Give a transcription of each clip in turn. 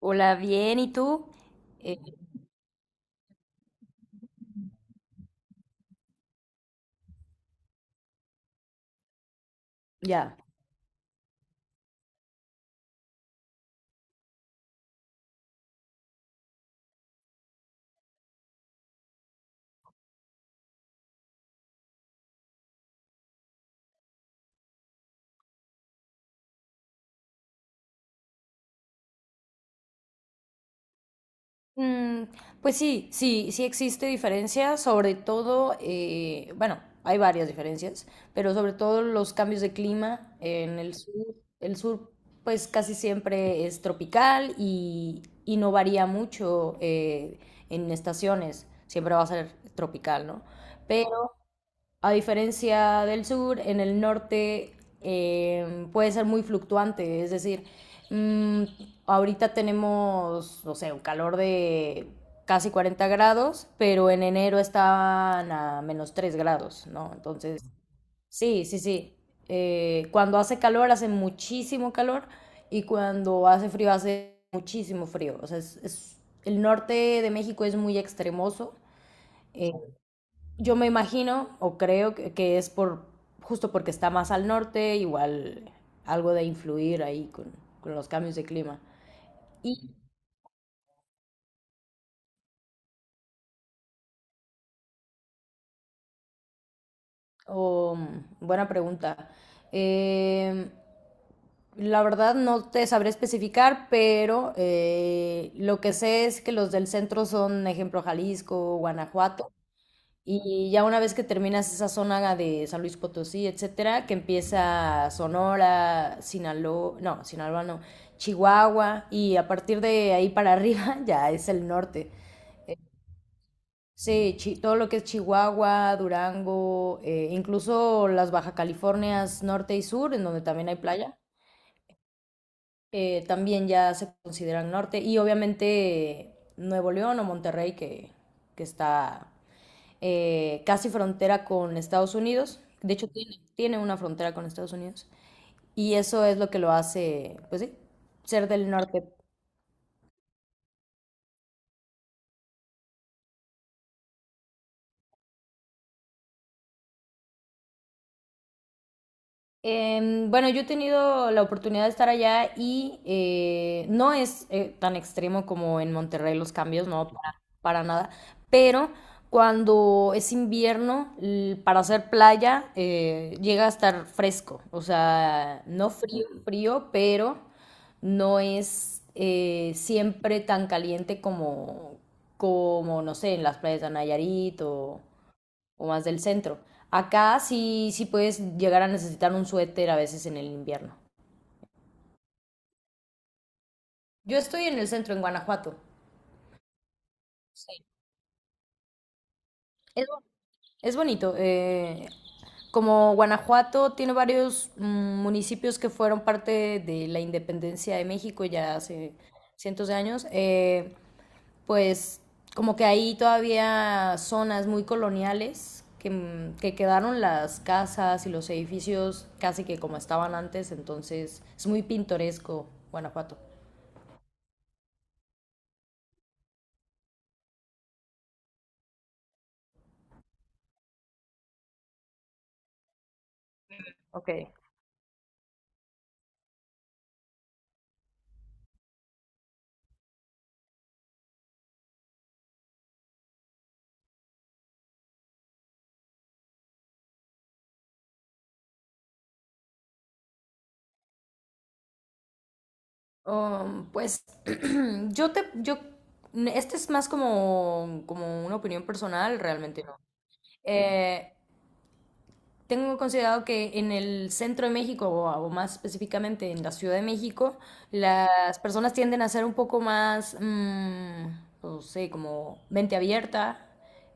Hola, bien, ¿y tú? Eh, Ya. mm, pues sí, sí, sí existe diferencia, sobre todo, bueno, hay varias diferencias, pero sobre todo los cambios de clima en el sur. El sur, pues casi siempre es tropical y no varía mucho en estaciones, siempre va a ser tropical, ¿no? Pero, a diferencia del sur, en el norte puede ser muy fluctuante, es decir, mmm, ahorita tenemos, no sé, un calor de casi 40 grados, pero en enero estaban a -3 grados, ¿no? Entonces, sí, sí, sí. Cuando hace calor, hace muchísimo calor, y cuando hace frío, hace muchísimo frío. O sea, el norte de México es muy extremoso. eh, yo me imagino o creo que, es por justo porque está más al norte, igual algo de influir ahí con los cambios de clima. Y, oh, buena pregunta. Eh, la verdad no te sabré especificar, pero lo que sé es que los del centro son, ejemplo, Jalisco, Guanajuato. Y ya una vez que terminas esa zona de San Luis Potosí, etcétera, que empieza Sonora, Sinaloa no, Chihuahua, y a partir de ahí para arriba ya es el norte. Sí, todo lo que es Chihuahua, Durango, incluso las Baja Californias norte y sur, en donde también hay playa, también ya se consideran norte. Y obviamente Nuevo León o Monterrey, que, está casi frontera con Estados Unidos. De hecho, tiene una frontera con Estados Unidos. Y eso es lo que lo hace, pues sí, ser del norte. Bueno, yo he tenido la oportunidad de estar allá y no es tan extremo como en Monterrey los cambios, no, para nada, pero cuando es invierno, para hacer playa, llega a estar fresco, o sea, no frío, frío, pero no es siempre tan caliente como, no sé, en las playas de Nayarit o más del centro. Acá sí, sí puedes llegar a necesitar un suéter a veces en el invierno. Yo estoy en el centro, en Guanajuato. Sí. Es, bo- es bonito. Como Guanajuato tiene varios municipios que fueron parte de la independencia de México ya hace cientos de años, pues como que hay todavía zonas muy coloniales que quedaron las casas y los edificios casi que como estaban antes, entonces es muy pintoresco Guanajuato. Ok. Pues yo, este es más como, una opinión personal, realmente no. Eh, Tengo considerado que en el centro de México, o más específicamente en la Ciudad de México, las personas tienden a ser un poco más, no sé, como mente abierta.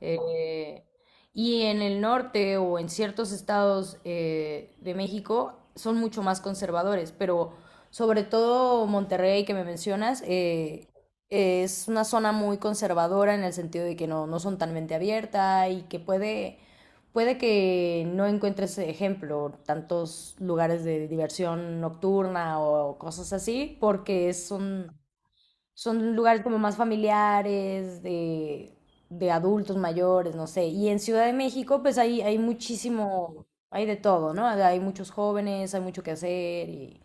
eh, y en el norte o en ciertos estados de México son mucho más conservadores, pero sobre todo Monterrey que me mencionas, es una zona muy conservadora en el sentido de que no, no son tan mente abierta y que puede que no encuentres ejemplo, tantos lugares de diversión nocturna o cosas así, porque son lugares como más familiares, de adultos mayores, no sé. Y en Ciudad de México, pues hay muchísimo, hay de todo, ¿no? Hay muchos jóvenes, hay mucho que hacer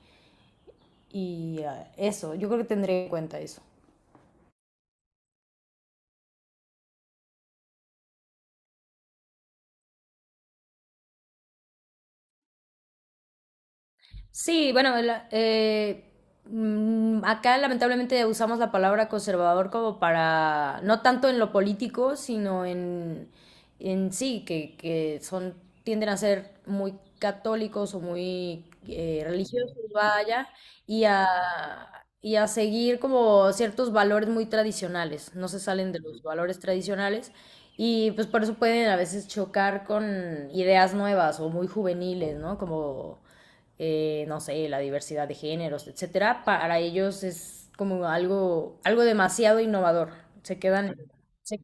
y, ah, eso, yo creo que tendré en cuenta eso. Sí, bueno, acá lamentablemente usamos la palabra conservador como para, no tanto en lo político, sino en sí, que, son, tienden a ser muy católicos o muy religiosos, vaya, y a, y a seguir como ciertos valores muy tradicionales, no se salen de los valores tradicionales. Y pues por eso pueden a veces chocar con ideas nuevas o muy juveniles, ¿no? Como, no sé, la diversidad de géneros, etcétera, para ellos es como algo, algo demasiado innovador. Se quedan. se-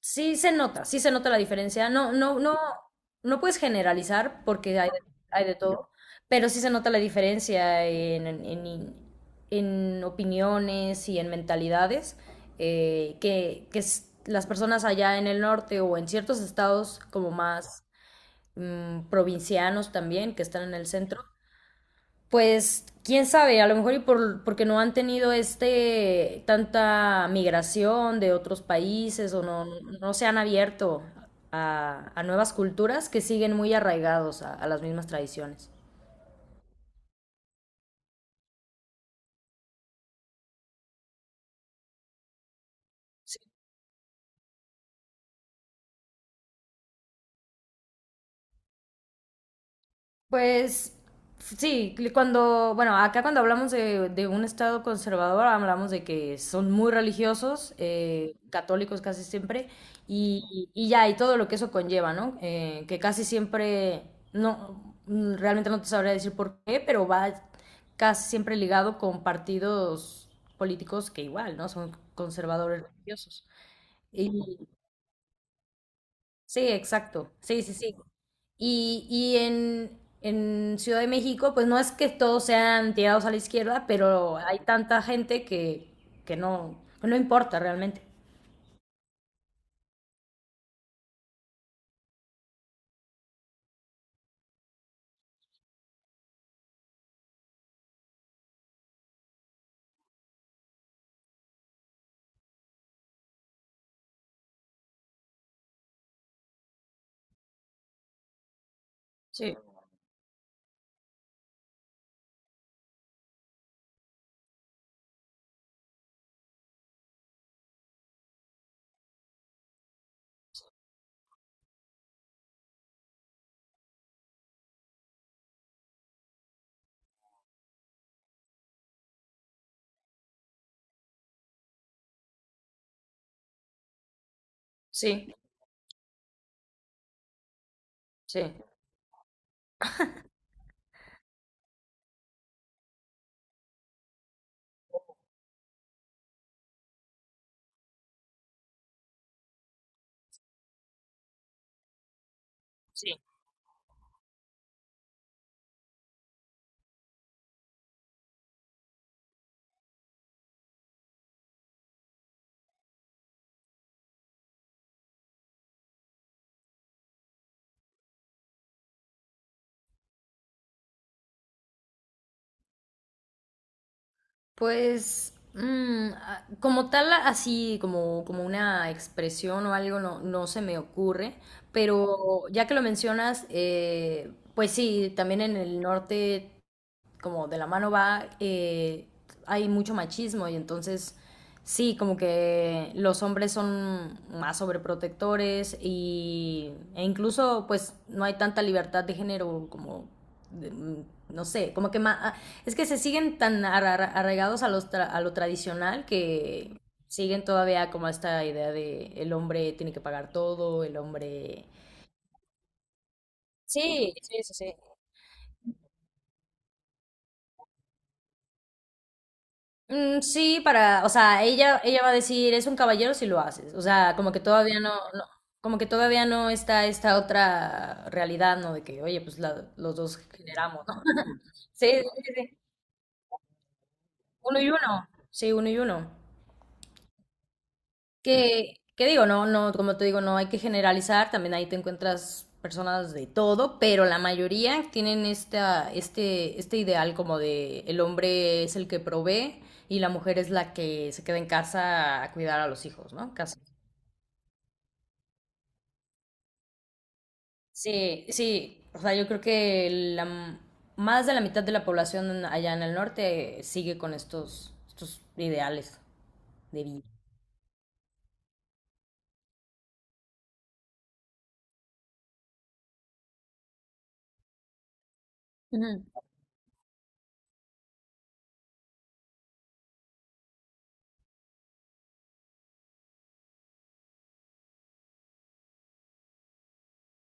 sí se nota, sí se nota la diferencia. No, no, no, no puedes generalizar porque hay de todo, pero sí se nota la diferencia en opiniones y en mentalidades que, las personas allá en el norte o en ciertos estados como más provincianos también, que están en el centro, pues quién sabe, a lo mejor y porque no han tenido tanta migración de otros países o no, no se han abierto a nuevas culturas que siguen muy arraigados a las mismas tradiciones. Pues sí, cuando, bueno, acá cuando hablamos de un estado conservador, hablamos de que son muy religiosos, católicos casi siempre, y, ya, y todo lo que eso conlleva, ¿no? Que casi siempre, no, realmente no te sabría decir por qué, pero va casi siempre ligado con partidos políticos que igual, ¿no? Son conservadores religiosos. Sí, exacto. Sí, sí, sí. Y en Ciudad de México, pues no es que todos sean tirados a la izquierda, pero hay tanta gente que, no, que no importa realmente. Sí, sí, sí, sí. Pues como tal, así como, una expresión o algo, no, no se me ocurre, pero ya que lo mencionas, pues sí, también en el norte como de la mano va, hay mucho machismo y entonces sí, como que los hombres son más sobreprotectores y, e incluso pues no hay tanta libertad de género como, de- no sé, como que es que se siguen tan arraigados a lo tradicional que siguen todavía como esta idea de el hombre tiene que pagar todo, el hombre... Sí, sí, sí, sí. Mm, sí, o sea, ella va a decir, es un caballero si lo haces. O sea, como que todavía no, como que todavía no está esta otra realidad, ¿no? De que, oye, pues los dos generamos, ¿no? Sí, sí, sí. Sí. Uno y uno. Sí, uno y uno. Que, digo, no, no, como te digo, no hay que generalizar, también ahí te encuentras personas de todo, pero la mayoría tienen este ideal como de el hombre es el que provee y la mujer es la que se queda en casa a cuidar a los hijos, ¿no? Sí, sí, o sea, yo creo que la, m- más de la mitad de la población allá en el norte sigue con estos ideales de vida. Ujú.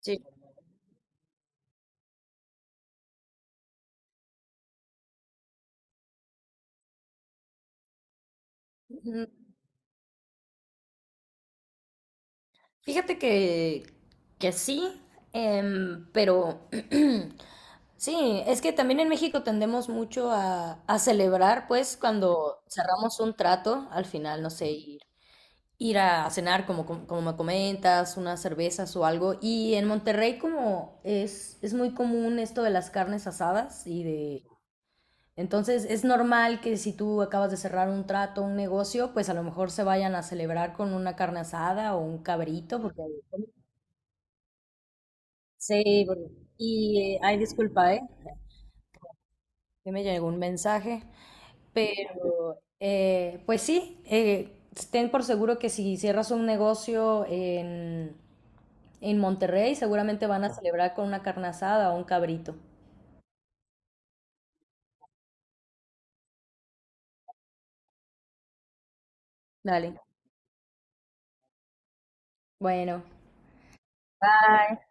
Sí. Ujú. Fíjate que, sí, pero sí, es que también en México tendemos mucho a celebrar, pues, cuando cerramos un trato al final, no sé, ir a cenar, como, como me comentas, unas cervezas o algo. Y en Monterrey como es muy común esto de las carnes asadas y de... Entonces es normal que si tú acabas de cerrar un trato, un negocio, pues a lo mejor se vayan a celebrar con una carne asada o un cabrito, porque... Sí, bueno, y ay, disculpa, ¿eh? Que me llegó un mensaje, pero pues sí, ten por seguro que si cierras un negocio en Monterrey seguramente van a celebrar con una carne asada o un cabrito. Dale. Bueno. Bye.